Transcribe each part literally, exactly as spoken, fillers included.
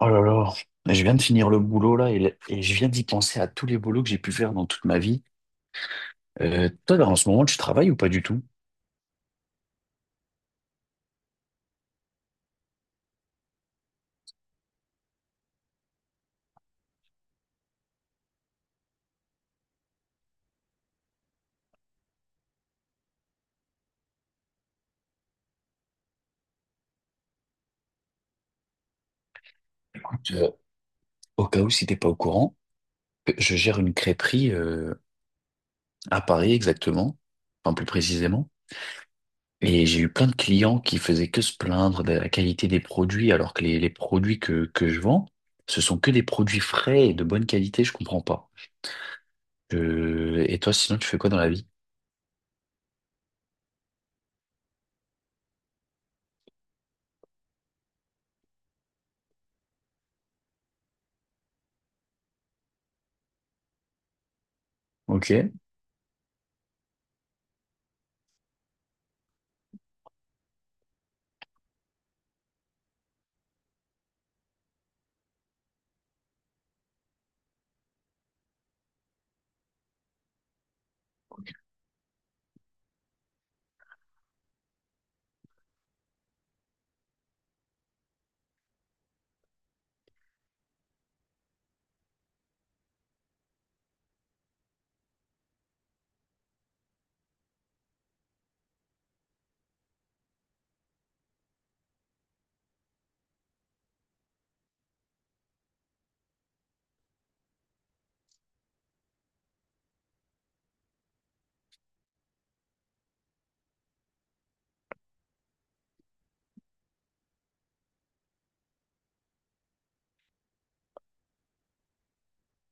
Oh là là, je viens de finir le boulot là et, et je viens d'y penser à tous les boulots que j'ai pu faire dans toute ma vie. Euh, toi, là, en ce moment, tu travailles ou pas du tout? Écoute, euh, au cas où si t'es pas au courant, euh, je gère une crêperie euh, à Paris exactement, enfin plus précisément. Et j'ai eu plein de clients qui faisaient que se plaindre de la qualité des produits, alors que les, les produits que, que je vends, ce sont que des produits frais et de bonne qualité, je comprends pas. Euh, et toi, sinon, tu fais quoi dans la vie? Ok.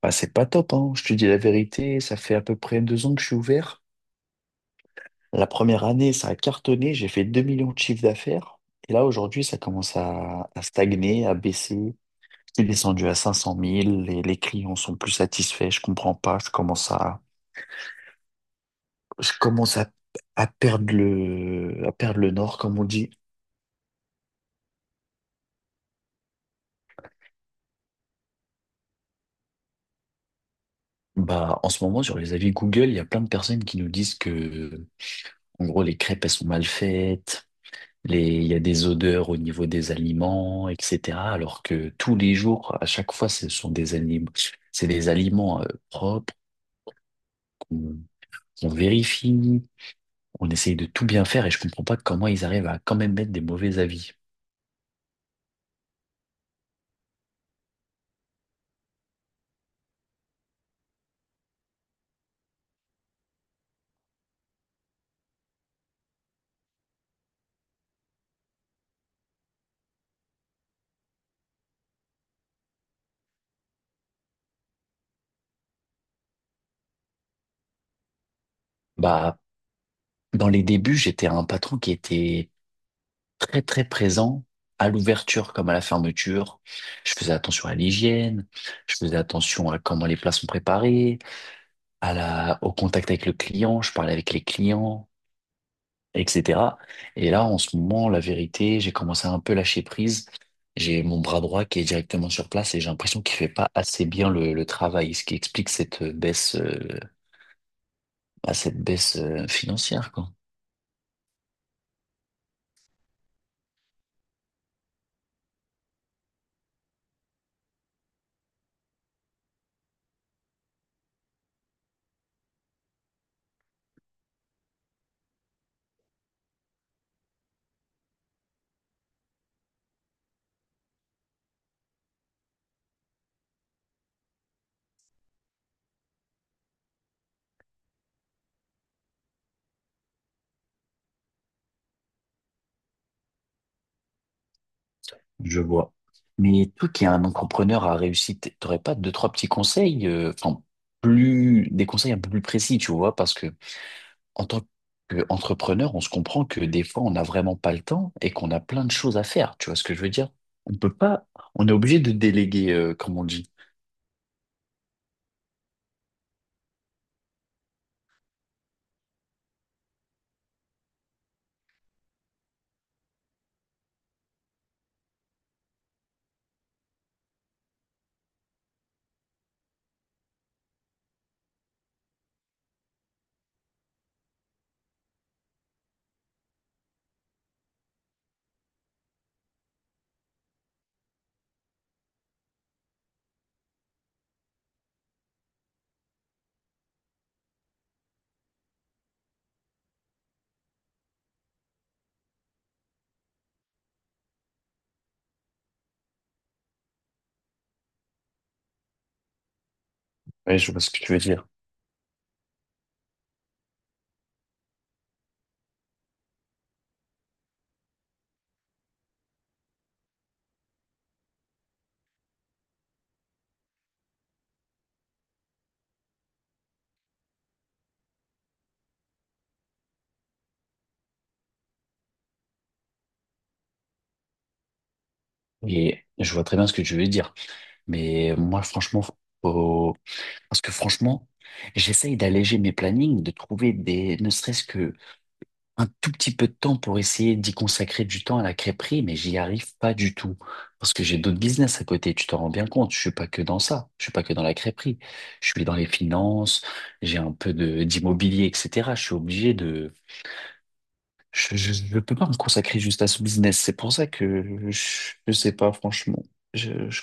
Bah, c'est pas top, hein. Je te dis la vérité, ça fait à peu près deux ans que je suis ouvert. La première année, ça a cartonné, j'ai fait deux millions de chiffre d'affaires. Et là, aujourd'hui, ça commence à, à stagner, à baisser. C'est descendu à cinq cent mille, les, les clients sont plus satisfaits, je comprends pas, je commence à, je commence à, à perdre le, à perdre le nord, comme on dit. Bah, en ce moment, sur les avis Google, il y a plein de personnes qui nous disent que, en gros, les crêpes, elles sont mal faites. Les, il y a des odeurs au niveau des aliments, et cetera. Alors que tous les jours, à chaque fois, ce sont des aliments, c'est des aliments euh, propres qu'on qu'on vérifie, on essaye de tout bien faire et je comprends pas comment ils arrivent à quand même mettre des mauvais avis. Bah, dans les débuts, j'étais un patron qui était très très présent à l'ouverture comme à la fermeture. Je faisais attention à l'hygiène, je faisais attention à comment les plats sont préparés, à la, au contact avec le client, je parlais avec les clients, et cetera. Et là, en ce moment, la vérité, j'ai commencé à un peu lâcher prise. J'ai mon bras droit qui est directement sur place et j'ai l'impression qu'il fait pas assez bien le, le travail, ce qui explique cette baisse, euh, bah, cette baisse euh, financière, quoi. Je vois. Mais toi qui es un entrepreneur à réussite, t'aurais pas deux, trois petits conseils, euh, enfin, plus, des conseils un peu plus précis, tu vois, parce que en tant qu'entrepreneur, on se comprend que des fois, on n'a vraiment pas le temps et qu'on a plein de choses à faire. Tu vois ce que je veux dire? On peut pas, on est obligé de déléguer, euh, comme on dit. Ouais, je vois ce que tu veux dire. Et je vois très bien ce que tu veux dire. Mais moi, franchement, faut- parce que franchement, j'essaye d'alléger mes plannings, de trouver des, ne serait-ce que un tout petit peu de temps pour essayer d'y consacrer du temps à la crêperie, mais j'y arrive pas du tout. Parce que j'ai d'autres business à côté, tu t'en rends bien compte. Je suis pas que dans ça. Je suis pas que dans la crêperie. Je suis dans les finances, j'ai un peu de, d'immobilier, et cetera. Je suis obligé de, je, je, je peux pas me consacrer juste à ce business. C'est pour ça que je, je sais pas, franchement. Je, je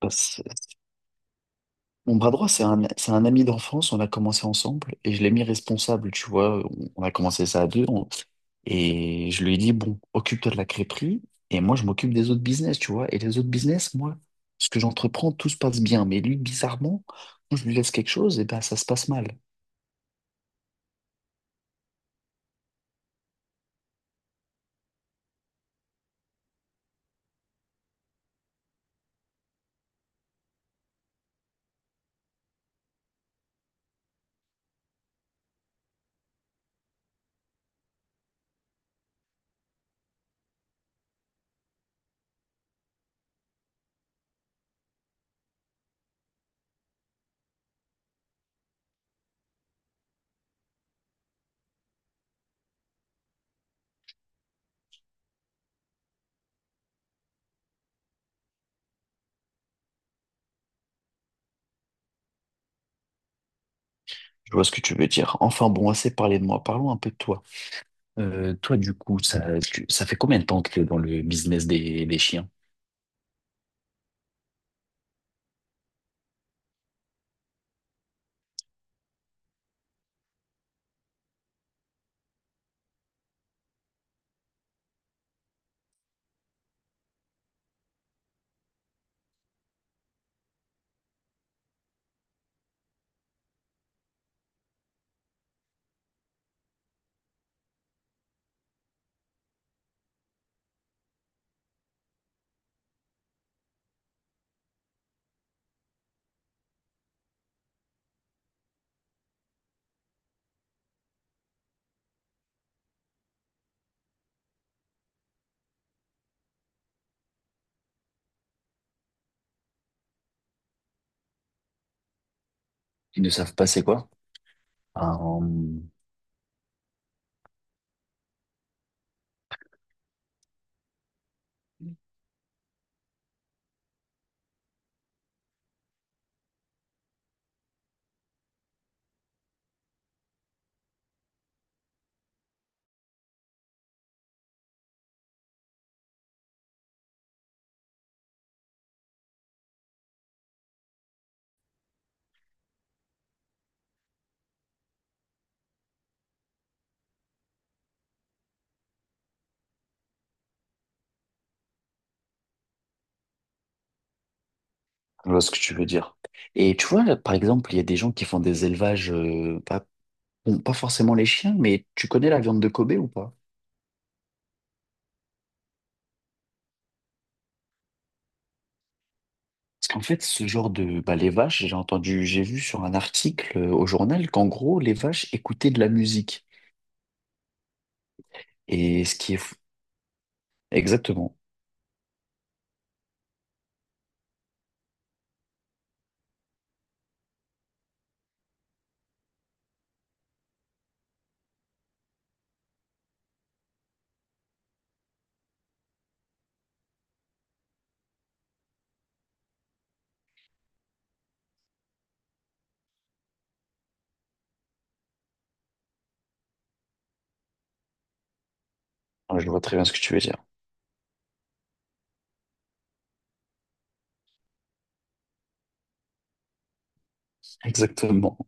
commence. Mon bras droit, c'est un, c'est un ami d'enfance, on a commencé ensemble et je l'ai mis responsable, tu vois, on a commencé ça à deux on- et je lui ai dit, bon, occupe-toi de la crêperie et moi je m'occupe des autres business, tu vois, et les autres business, moi, ce que j'entreprends, tout se passe bien, mais lui, bizarrement, quand je lui laisse quelque chose, et ben ça se passe mal. Je vois ce que tu veux dire. Enfin bon, assez parlé de moi, parlons un peu de toi. Euh, toi, du coup, ça, tu- ça fait combien de temps que tu es dans le business des, des chiens? Ils ne savent pas c'est quoi? Ah, hum, je vois ce que tu veux dire. Et tu vois, là, par exemple, il y a des gens qui font des élevages, euh, pas, bon, pas forcément les chiens, mais tu connais la viande de Kobe ou pas? Parce qu'en fait, ce genre de, bah, les vaches, j'ai entendu, j'ai vu sur un article euh, au journal qu'en gros, les vaches écoutaient de la musique. Et ce qui est fou. Exactement. Ah, je vois très bien ce que tu veux dire. Exactement.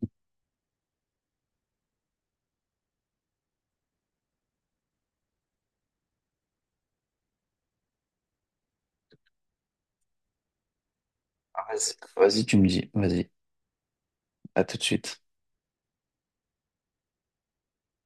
Ah, vas-y, vas-y, tu me dis. Vas-y. À tout de suite.